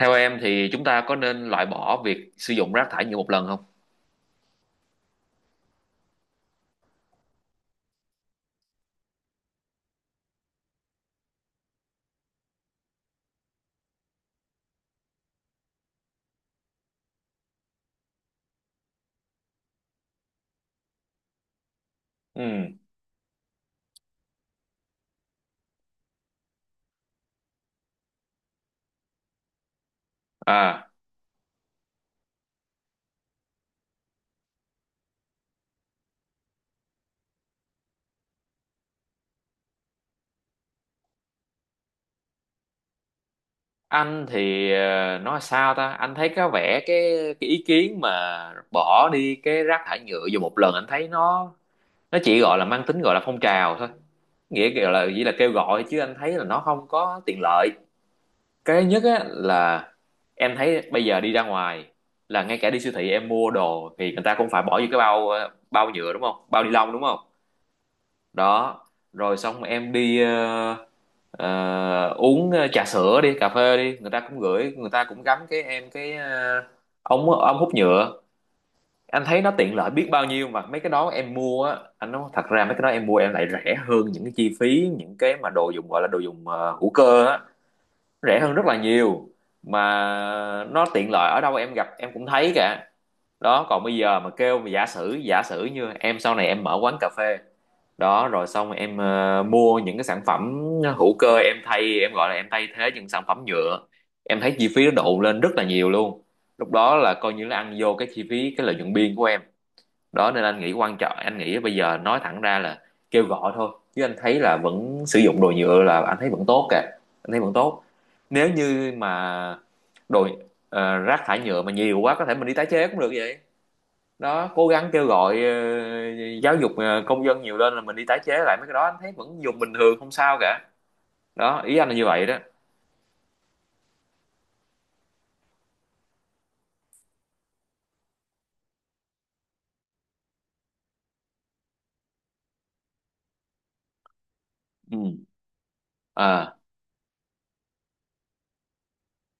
Theo em thì chúng ta có nên loại bỏ việc sử dụng rác thải nhựa một lần không? Ừ. À, anh thì nói sao ta? Anh thấy có vẻ cái ý kiến mà bỏ đi cái rác thải nhựa dùng một lần anh thấy nó chỉ gọi là mang tính gọi là phong trào thôi. Nghĩa gọi là chỉ là kêu gọi chứ anh thấy là nó không có tiện lợi. Cái nhất á là em thấy bây giờ đi ra ngoài, là ngay cả đi siêu thị em mua đồ thì người ta cũng phải bỏ vô cái bao, bao nhựa, đúng không? Bao ni lông, đúng không? Đó, rồi xong em đi uống trà sữa, đi cà phê, đi người ta cũng gửi, người ta cũng gắm cái em cái ống ống hút nhựa. Anh thấy nó tiện lợi biết bao nhiêu, mà mấy cái đó em mua á, anh nói thật ra mấy cái đó em mua em lại rẻ hơn những cái chi phí những cái mà đồ dùng gọi là đồ dùng hữu cơ á, rẻ hơn rất là nhiều, mà nó tiện lợi ở đâu em gặp em cũng thấy cả. Đó, còn bây giờ mà kêu, mà giả sử, như em sau này em mở quán cà phê, đó rồi xong rồi em mua những cái sản phẩm hữu cơ, em thay, em gọi là em thay thế những sản phẩm nhựa, em thấy chi phí nó độn lên rất là nhiều luôn. Lúc đó là coi như là ăn vô cái chi phí, cái lợi nhuận biên của em. Đó nên anh nghĩ quan trọng, anh nghĩ bây giờ nói thẳng ra là kêu gọi thôi, chứ anh thấy là vẫn sử dụng đồ nhựa là anh thấy vẫn tốt kìa, anh thấy vẫn tốt. Nếu như mà đồ, rác thải nhựa mà nhiều quá có thể mình đi tái chế cũng được vậy. Đó, cố gắng kêu gọi, giáo dục, công dân nhiều lên là mình đi tái chế lại mấy cái đó anh thấy vẫn dùng bình thường không sao cả. Đó, ý anh là như vậy đó. Ừ. À.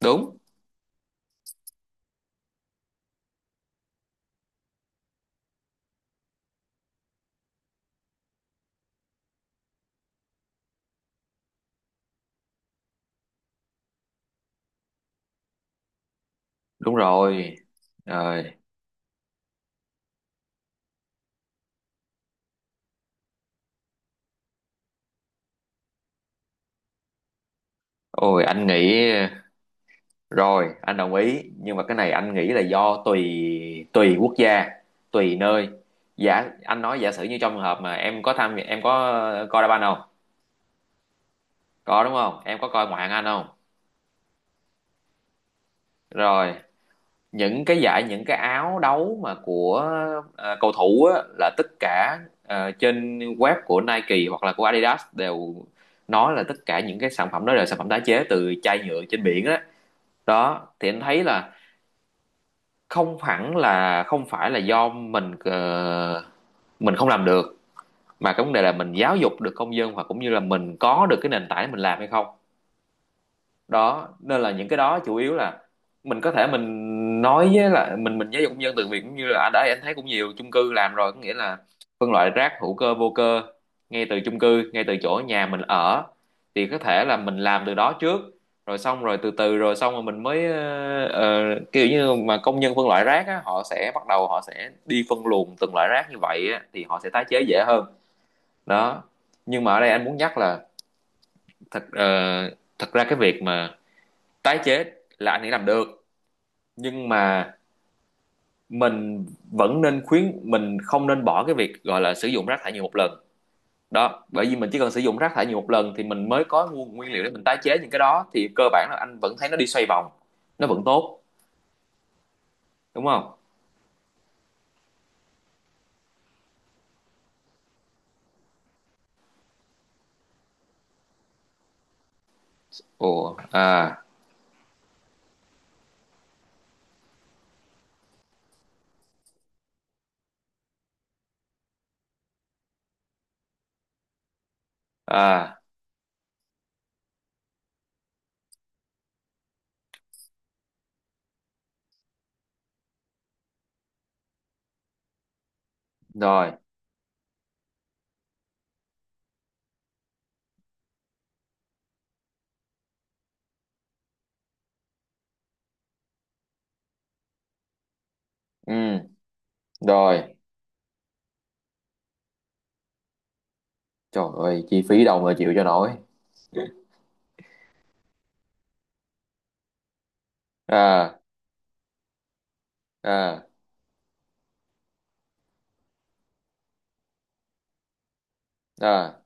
Đúng. Đúng rồi. Rồi. Ôi anh nghĩ, rồi anh đồng ý, nhưng mà cái này anh nghĩ là do tùy, quốc gia, tùy nơi. Giả anh nói giả sử như trong trường hợp mà em có tham, em có coi đá banh không? Có đúng không? Em có coi ngoại hạng Anh không? Rồi những cái giải, những cái áo đấu mà của, cầu thủ á, là tất cả, trên web của Nike hoặc là của Adidas đều nói là tất cả những cái sản phẩm đó là sản phẩm tái chế từ chai nhựa trên biển á. Đó thì anh thấy là không hẳn, là không phải là do mình, mình không làm được, mà cái vấn đề là mình giáo dục được công dân, hoặc cũng như là mình có được cái nền tảng để mình làm hay không. Đó nên là những cái đó chủ yếu là mình có thể mình nói với là mình giáo dục công dân từ việc, cũng như là ở đây anh thấy cũng nhiều chung cư làm rồi, có nghĩa là phân loại rác hữu cơ, vô cơ, ngay từ chung cư, ngay từ chỗ nhà mình ở, thì có thể là mình làm từ đó trước, rồi xong rồi từ từ, rồi xong rồi mình mới kiểu như mà công nhân phân loại rác á, họ sẽ bắt đầu họ sẽ đi phân luồng từng loại rác như vậy á, thì họ sẽ tái chế dễ hơn. Đó, nhưng mà ở đây anh muốn nhắc là thật, thật ra cái việc mà tái chế là anh ấy làm được, nhưng mà mình vẫn nên khuyến, mình không nên bỏ cái việc gọi là sử dụng rác thải nhựa một lần. Đó, bởi vì mình chỉ cần sử dụng rác thải nhựa một lần thì mình mới có nguồn nguyên liệu để mình tái chế những cái đó, thì cơ bản là anh vẫn thấy nó đi xoay vòng, nó vẫn tốt, đúng không? Ồ. À. À. Rồi. Ừ. Rồi. Trời ơi, chi phí đâu mà chịu cho nổi. À. À. À.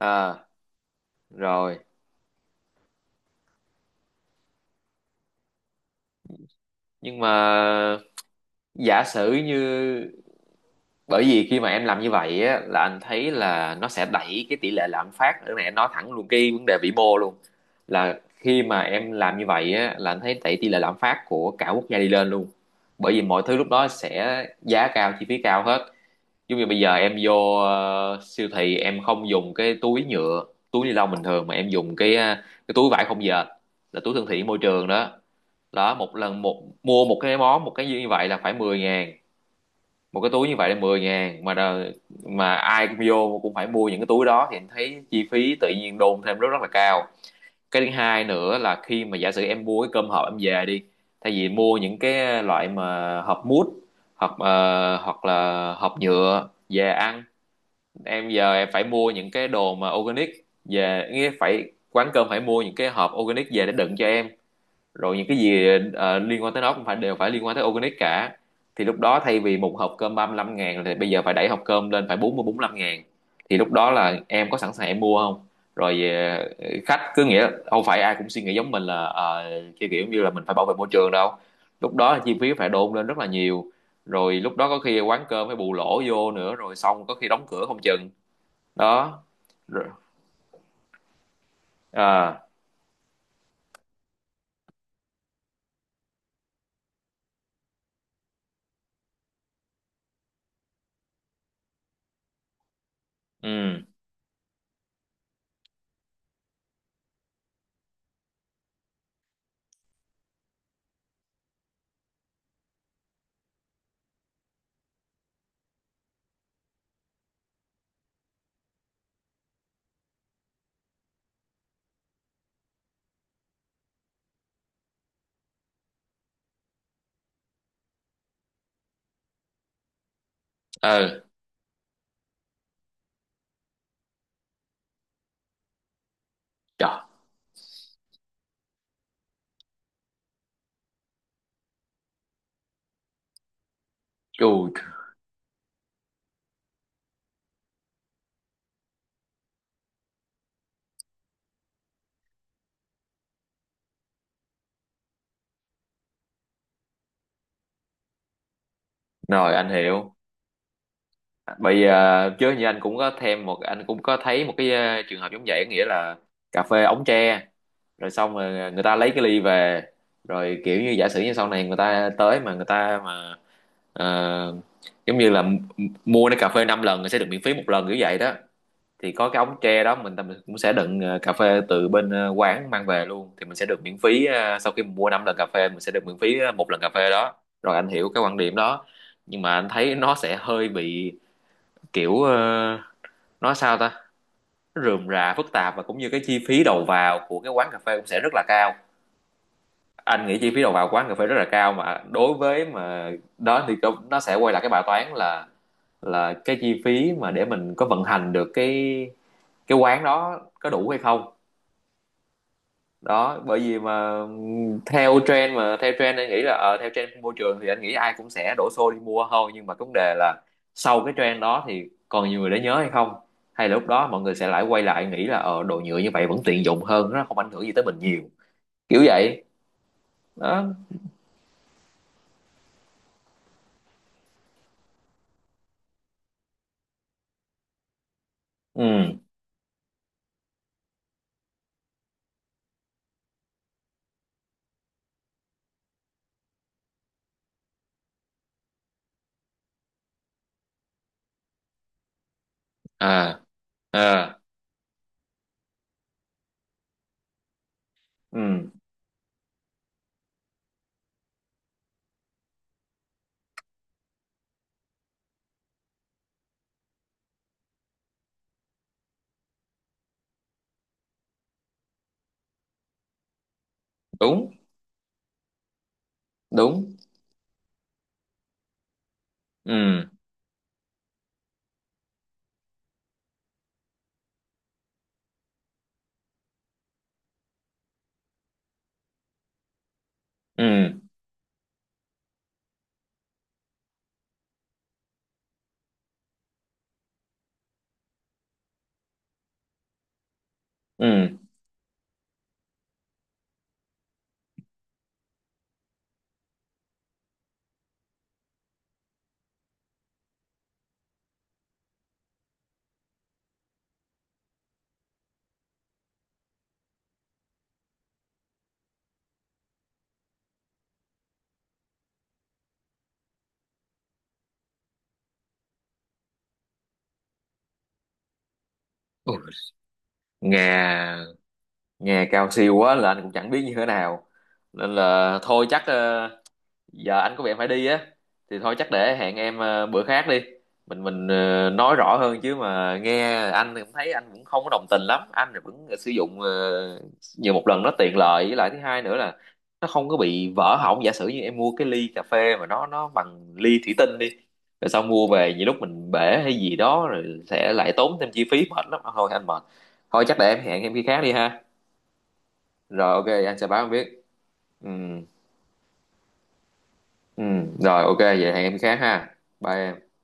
À. Rồi. Nhưng mà giả sử như, bởi vì khi mà em làm như vậy á, là anh thấy là nó sẽ đẩy cái tỷ lệ lạm phát, cái này em nói thẳng luôn cái vấn đề vĩ mô luôn, là khi mà em làm như vậy á, là anh thấy đẩy tỷ lệ lạm phát của cả quốc gia đi lên luôn, bởi vì mọi thứ lúc đó sẽ giá cao, chi phí cao hết. Giống như bây giờ em vô, siêu thị em không dùng cái túi nhựa, túi ni lông bình thường, mà em dùng cái, cái túi vải không dệt, là túi thân thiện môi trường đó. Đó, một lần, một mua, một cái món, một cái như vậy là phải 10 ngàn, một cái túi như vậy là 10 ngàn, mà mà ai cũng vô cũng phải mua những cái túi đó thì em thấy chi phí tự nhiên đôn thêm rất rất là cao. Cái thứ hai nữa là khi mà giả sử em mua cái cơm hộp em về đi, thay vì mua những cái loại mà hộp mút, hoặc hoặc là hộp nhựa về ăn, em giờ em phải mua những cái đồ mà organic về, nghĩa phải quán cơm phải mua những cái hộp organic về để đựng cho em. Rồi những cái gì liên quan tới nó cũng phải, đều phải liên quan tới organic cả. Thì lúc đó thay vì một hộp cơm 35 ngàn thì bây giờ phải đẩy hộp cơm lên phải 40 lăm ngàn, thì lúc đó là em có sẵn sàng em mua không? Rồi, khách cứ, nghĩa không phải ai cũng suy nghĩ giống mình là, kiểu kiểu như là mình phải bảo vệ môi trường đâu. Lúc đó là chi phí phải đôn lên rất là nhiều. Rồi lúc đó có khi quán cơm phải bù lỗ vô nữa, rồi xong có khi đóng cửa không chừng. Đó. Rồi. À. Ừ. Ừ. Trời. Chù. Rồi anh hiểu. Bởi vì, chứ như anh cũng có thêm một, anh cũng có thấy một cái, trường hợp giống vậy, nghĩa là cà phê ống tre, rồi xong rồi người ta lấy cái ly về, rồi kiểu như giả sử như sau này người ta tới mà người ta mà, ờ, giống như là mua cái cà phê 5 lần sẽ được miễn phí một lần, kiểu vậy đó. Thì có cái ống tre đó, mình cũng sẽ đựng cà phê từ bên, quán mang về luôn, thì mình sẽ được miễn phí, sau khi mình mua 5 lần cà phê mình sẽ được miễn phí, một lần cà phê đó. Rồi anh hiểu cái quan điểm đó, nhưng mà anh thấy nó sẽ hơi bị kiểu, nói sao ta? Nó rườm rà, phức tạp, và cũng như cái chi phí đầu vào của cái quán cà phê cũng sẽ rất là cao. Anh nghĩ chi phí đầu vào quán cà phê rất là cao, mà đối với mà, đó thì nó sẽ quay lại cái bài toán là, cái chi phí mà để mình có vận hành được cái quán đó có đủ hay không. Đó, bởi vì mà theo trend, mà theo trend anh nghĩ là, theo trend của môi trường thì anh nghĩ ai cũng sẽ đổ xô đi mua thôi, nhưng mà cái vấn đề là sau cái trend đó thì còn nhiều người để nhớ hay không, hay là lúc đó mọi người sẽ lại quay lại nghĩ là, ờ, đồ nhựa như vậy vẫn tiện dụng hơn, nó không ảnh hưởng gì tới mình nhiều, kiểu vậy đó. Ừ. À. À. Ừ. Đúng. Đúng. Ừ. Ừ. Ừ. Ui, nghe nghe cao siêu quá là anh cũng chẳng biết như thế nào, nên là thôi chắc, giờ anh có việc phải đi á, thì thôi chắc để hẹn em, bữa khác đi, mình nói rõ hơn. Chứ mà nghe anh thì cũng thấy anh cũng không có đồng tình lắm, anh thì vẫn sử dụng, nhiều một lần, nó tiện lợi, với lại thứ hai nữa là nó không có bị vỡ hỏng. Giả sử như em mua cái ly cà phê mà nó bằng ly thủy tinh đi, rồi xong mua về nhiều lúc mình bể hay gì đó rồi sẽ lại tốn thêm chi phí, mệt lắm, thôi anh mệt. Thôi chắc để em hẹn em khi khác đi ha. Rồi, ok anh sẽ báo em biết. Ừ. Ừ. Rồi, ok vậy hẹn em khi khác ha, bye em.